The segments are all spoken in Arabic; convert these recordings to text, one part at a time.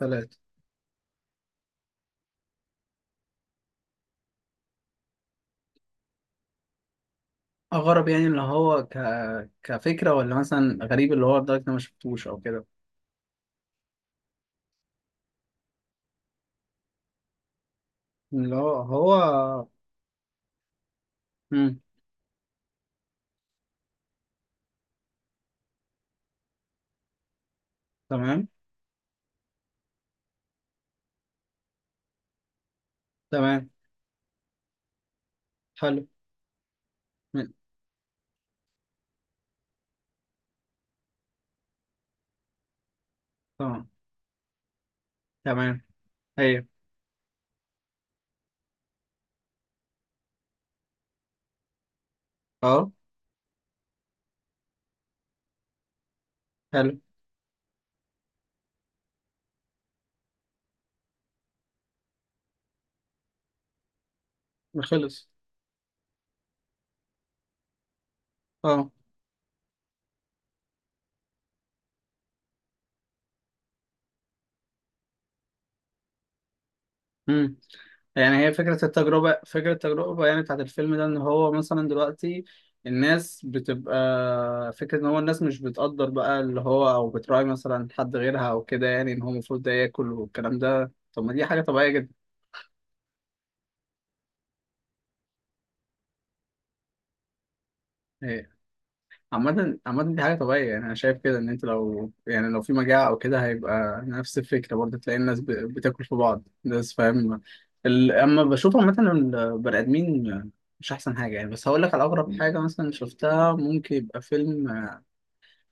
ثلاثة أغرب يعني اللي هو كفكرة ولا مثلا غريب اللي هو لدرجة إن أنا ما شفتوش أو كده. اللي هو هو. مم. تمام. تمام. حلو. مم. تمام. تمام. أيوه. أه. حلو. خلص. أه. مم. يعني هي فكرة التجربة فكرة التجربة يعني بتاعت الفيلم ده إن هو مثلا دلوقتي الناس بتبقى فكرة إن هو الناس مش بتقدر بقى اللي هو أو بتراعي مثلا حد غيرها أو كده، يعني إن هو المفروض ده ياكل والكلام ده. طب ما دي حاجة طبيعية جدا. عامة عامة دي حاجة طبيعية، يعني أنا شايف كده إن أنت لو يعني لو في مجاعة أو كده هيبقى نفس الفكرة برضه، تلاقي الناس بتاكل في بعض الناس، فاهم؟ أما بشوف عامة البني آدمين مش أحسن حاجة يعني. بس هقول لك على أغرب حاجة مثلا شفتها. ممكن يبقى فيلم،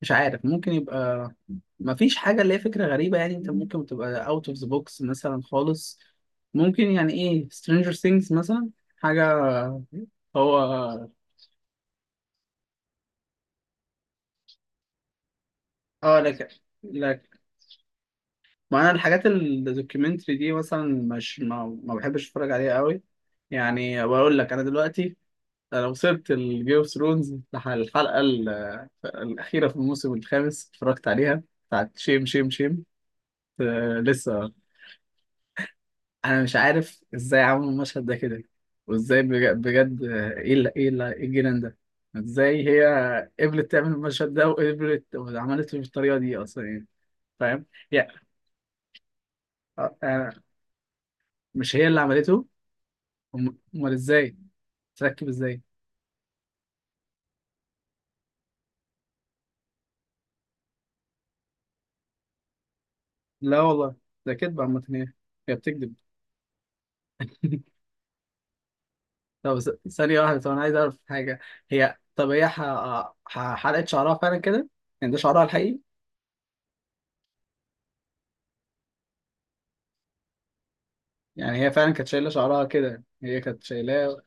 مش عارف، ممكن يبقى مفيش حاجة اللي هي فكرة غريبة يعني. أنت ممكن تبقى أوت أوف ذا بوكس مثلا خالص. ممكن يعني إيه، سترينجر ثينجز مثلا. حاجة. هو. اه. لك. ما انا الحاجات الدوكيومنتري دي مثلا مش ما, ما بحبش اتفرج عليها قوي. يعني بقول لك انا دلوقتي انا وصلت الجيم اوف ثرونز الحلقه الاخيره في الموسم الخامس، اتفرجت عليها بتاعت شيم شيم شيم. آه لسه. انا مش عارف ازاي عملوا المشهد ده كده، وازاي بجد إيه الجنان ده؟ ازاي هي قبلت تعمل المشهد ده وقبلت وعملته بالطريقه دي اصلا يعني؟ فاهم؟ يعني. آه، آه، مش هي اللي عملته. امال ازاي تركب؟ ازاي؟ لا والله ده كدب. عامة هي هي بتكذب. طب ثانية واحدة، طب أنا عايز أعرف حاجة. هي طب هي حلقت شعرها فعلا كده؟ يعني ده شعرها الحقيقي؟ يعني هي فعلا كانت شايلة شعرها كده، هي كانت شايلاه؟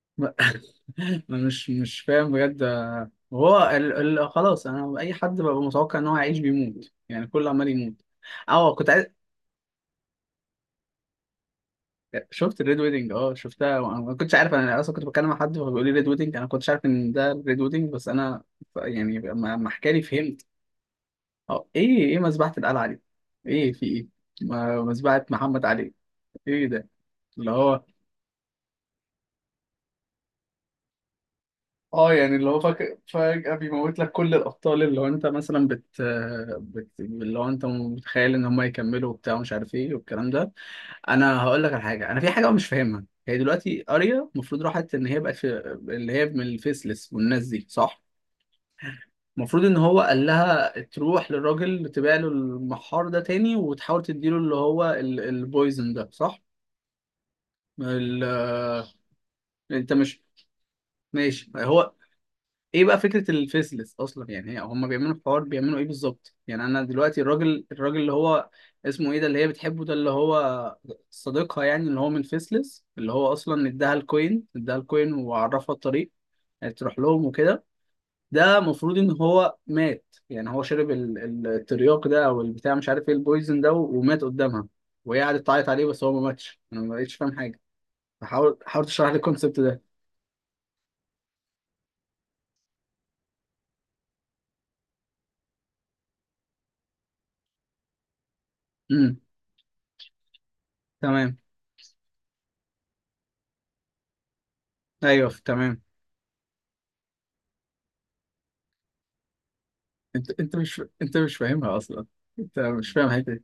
ما- أنا مش فاهم بجد. هو خلاص، أنا أي حد ببقى متوقع إن هو هيعيش بيموت يعني، كله عمال يموت. أه كنت عايز. شفت الريد ويدنج، اه شفتها، وانا ما كنتش عارف. انا اصلا كنت بتكلم مع حد فهو بيقول لي ريد ويدنج، انا ما كنتش عارف ان ده الريد ويدنج، بس انا يعني لما حكى لي فهمت. اه ايه مذبحة القلعة دي؟ ايه في ايه؟ مذبحة محمد علي؟ ايه ده؟ اللي هو. اه يعني اللي هو فجأة بيموت لك كل الأبطال، اللي هو أنت مثلا اللي هو أنت متخيل إن هم يكملوا وبتاع ومش عارف إيه والكلام ده. أنا هقول لك على حاجة، أنا في حاجة مش فاهمها. هي دلوقتي أريا المفروض راحت إن هي بقت في اللي هي من الفيسلس والناس دي، صح؟ المفروض إن هو قال لها تروح للراجل تبيع له المحار ده تاني وتحاول تديله اللي هو البويزن ده، صح؟ ال... أنت مش. ماشي هو. ايه بقى فكره الفيسلس اصلا يعني؟ هم بيعملوا الحوار بيعملوا ايه بالظبط يعني؟ انا دلوقتي الراجل الراجل اللي هو اسمه ايه ده اللي هي بتحبه ده، اللي هو صديقها يعني، اللي هو من فيسلس، اللي هو اصلا اداها الكوين، اداها الكوين وعرفها الطريق يعني تروح لهم وكده. ده المفروض ان هو مات يعني، هو شرب الترياق ده او البتاع، مش عارف ايه البويزن ده، ومات قدامها، وهي قعدت تعيط عليه، بس هو ما ماتش. انا ما بقتش فاهم حاجه. فحاول تشرح لي الكونسيبت ده. امم. تمام. ايوه تمام. انت مش فاهمها اصلا. انت مش فاهم الحته دي.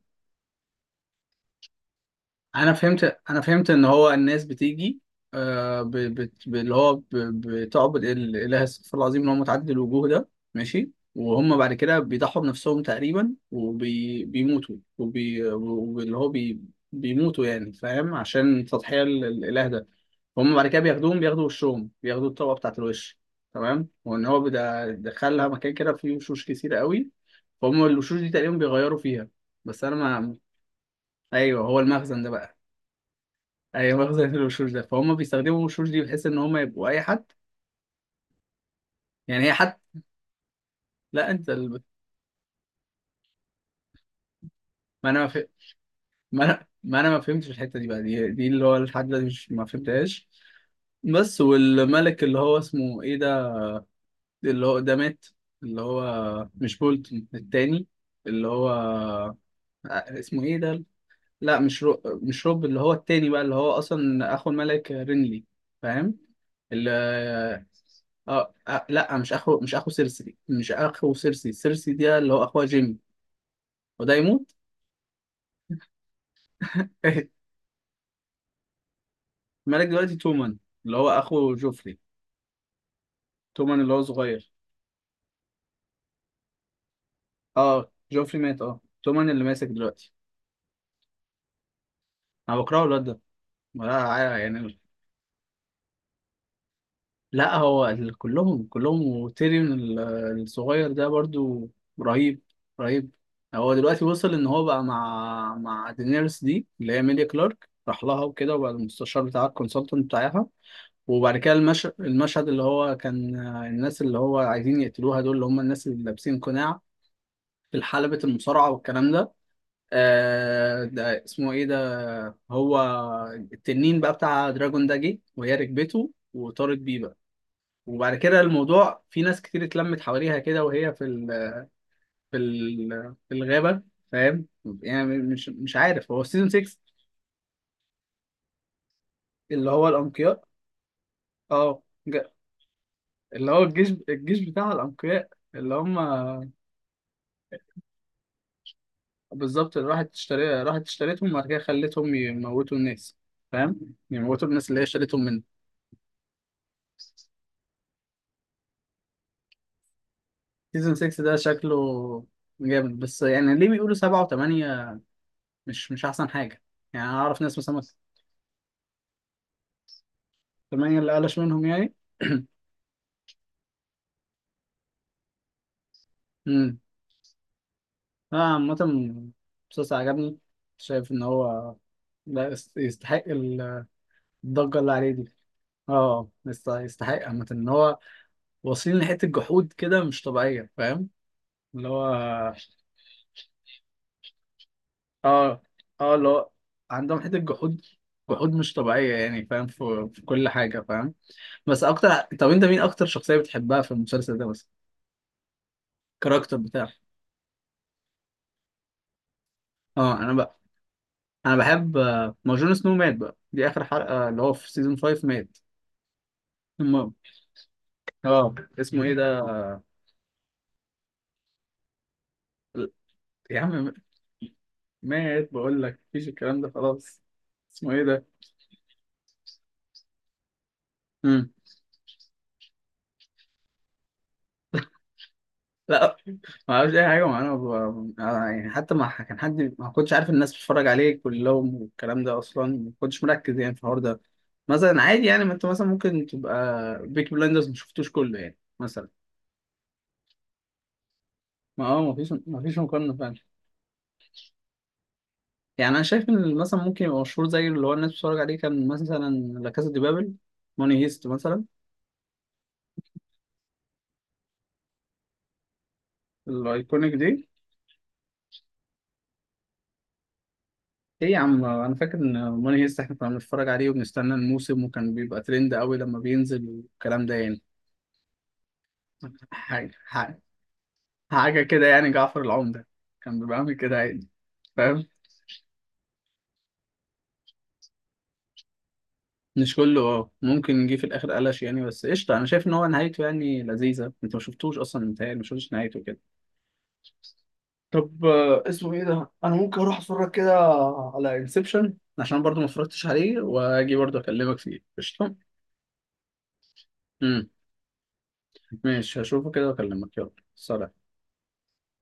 انا فهمت، انا فهمت ان هو الناس بتيجي آه اللي هو بتعبد الاله، استغفر الله العظيم، اللي هو متعدد الوجوه ده، ماشي، وهم بعد كده بيضحوا بنفسهم تقريبا وبيموتوا وبي... وبي... واللي هو بي... بيموتوا يعني، فاهم، عشان تضحية الاله ده. هم بعد كده بياخدوهم، بياخدوا وشهم، بياخدوا الطبقه بتاعت الوش. تمام. وان هو دخلها مكان كده فيه وشوش كتير قوي. فهم الوشوش دي تقريبا بيغيروا فيها. بس انا ما. ايوه هو المخزن ده بقى. ايوه مخزن الوشوش ده. فهم بيستخدموا الوشوش دي بحيث ان هم يبقوا اي حد. يعني هي حد. لا انت ال... ما انا ما, ف... ما انا ما انا ما فهمتش الحته دي بقى، دي اللي هو لحد دلوقتي مش ما فهمتهاش. بس والملك اللي هو اسمه ايه ده، اللي هو ده مات، اللي هو مش بولتون التاني، اللي هو اسمه ايه ده؟ لا مش مش روب، اللي هو التاني بقى، اللي هو اصلا اخو الملك رينلي. فاهم؟ اللي... لا مش اخو، مش اخو سيرسي، مش اخو سيرسي. سيرسي دي اللي هو اخوها جيمي. وده يموت. الملك دلوقتي تومان، اللي هو اخو جوفري. تومان اللي هو صغير. اه جوفري مات، اه تومان اللي ماسك دلوقتي. انا بكرهه الواد ده، ولا يعني. لا هو كلهم كلهم. وتيريون الصغير ده برضو رهيب. رهيب. هو دلوقتي وصل ان هو بقى مع دينيرس دي اللي هي ميليا كلارك، راح لها وكده وبقى المستشار بتاعها، الكونسلتنت بتاعها. وبعد كده المشهد اللي هو كان الناس اللي هو عايزين يقتلوها دول، اللي هم الناس اللي لابسين قناع في حلبة المصارعة والكلام ده. آه ده اسمه ايه ده. هو التنين بقى بتاع دراجون ده جه وهي ركبته وطارت بيه بقى. وبعد كده الموضوع في ناس كتير اتلمت حواليها كده، وهي في ال في الغابة. فاهم؟ يعني مش عارف، هو سيزون 6. اللي هو الأنقياء. اه اللي هو الجيش بتاع الأنقياء. اللي هم بالظبط اللي راحت اشتريتهم، وبعد كده خلتهم يموتوا الناس. فاهم، يموتوا الناس اللي هي اشتريتهم منه. سيزون 6 ده شكله جامد، بس يعني ليه بيقولوا 7 و8 مش مش أحسن حاجة يعني؟ أنا أعرف ناس مثلا. 8 اللي قلش منهم يعني. لا عامة المسلسل عجبني. شايف إن هو لا يستحق الضجة اللي عليه دي. اه يستحق عامة إن هو واصلين لحتة جحود كده مش طبيعية. فاهم؟ اللي هو اه. اه اللي هو عندهم حتة جحود. جحود مش طبيعية يعني. فاهم؟ في كل حاجة. فاهم؟ بس أكتر. طب أنت مين أكتر شخصية بتحبها في المسلسل ده بس، الكاركتر بتاعه؟ اه أنا بقى. أنا بحب آه، ما هو جون سنو مات بقى، دي آخر حلقة اللي هو في سيزون 5. مات اه. اسمه ايه ده. يا عم مات بقول لك، مفيش الكلام ده خلاص. اسمه ايه ده. مم. لا ما اعرفش اي حاجه معانا ب... أنا يعني حتى ما ح- كان حد ما كنتش عارف الناس بتتفرج عليه كلهم والكلام ده اصلا. ما كنتش مركز يعني في الحوار ده مثلا، عادي يعني. ما انت مثلا ممكن تبقى بيك بلايندرز ما شفتوش كله يعني مثلا. ما اه ما فيش مقارنه فعلا. يعني انا شايف ان مثلا ممكن يبقى مشهور زي اللي هو الناس بتتفرج عليه كان مثلا لا كاسا دي بابل، موني هيست مثلا. الايكونيك دي. ايه يا عم انا فاكر ان ماني هيست احنا كنا بنتفرج عليه وبنستنى الموسم، وكان بيبقى ترند قوي لما بينزل والكلام ده يعني. حاجه حاجه حاجه كده يعني، جعفر العمدة كان بيبقى عامل كده عادي. فاهم؟ مش كله اه، ممكن يجي في الاخر قلش يعني، بس قشطه. انا شايف ان هو نهايته يعني لذيذه. انت ما شفتوش اصلا؟ متهيألي ما شفتش نهايته كده. طب اسمه ايه ده، انا ممكن اروح اتفرج كده على انسبشن عشان برضو ما اتفرجتش عليه، واجي برضو اكلمك فيه، قشطه. امم. ماشي. هشوفه كده واكلمك، يلا سلام.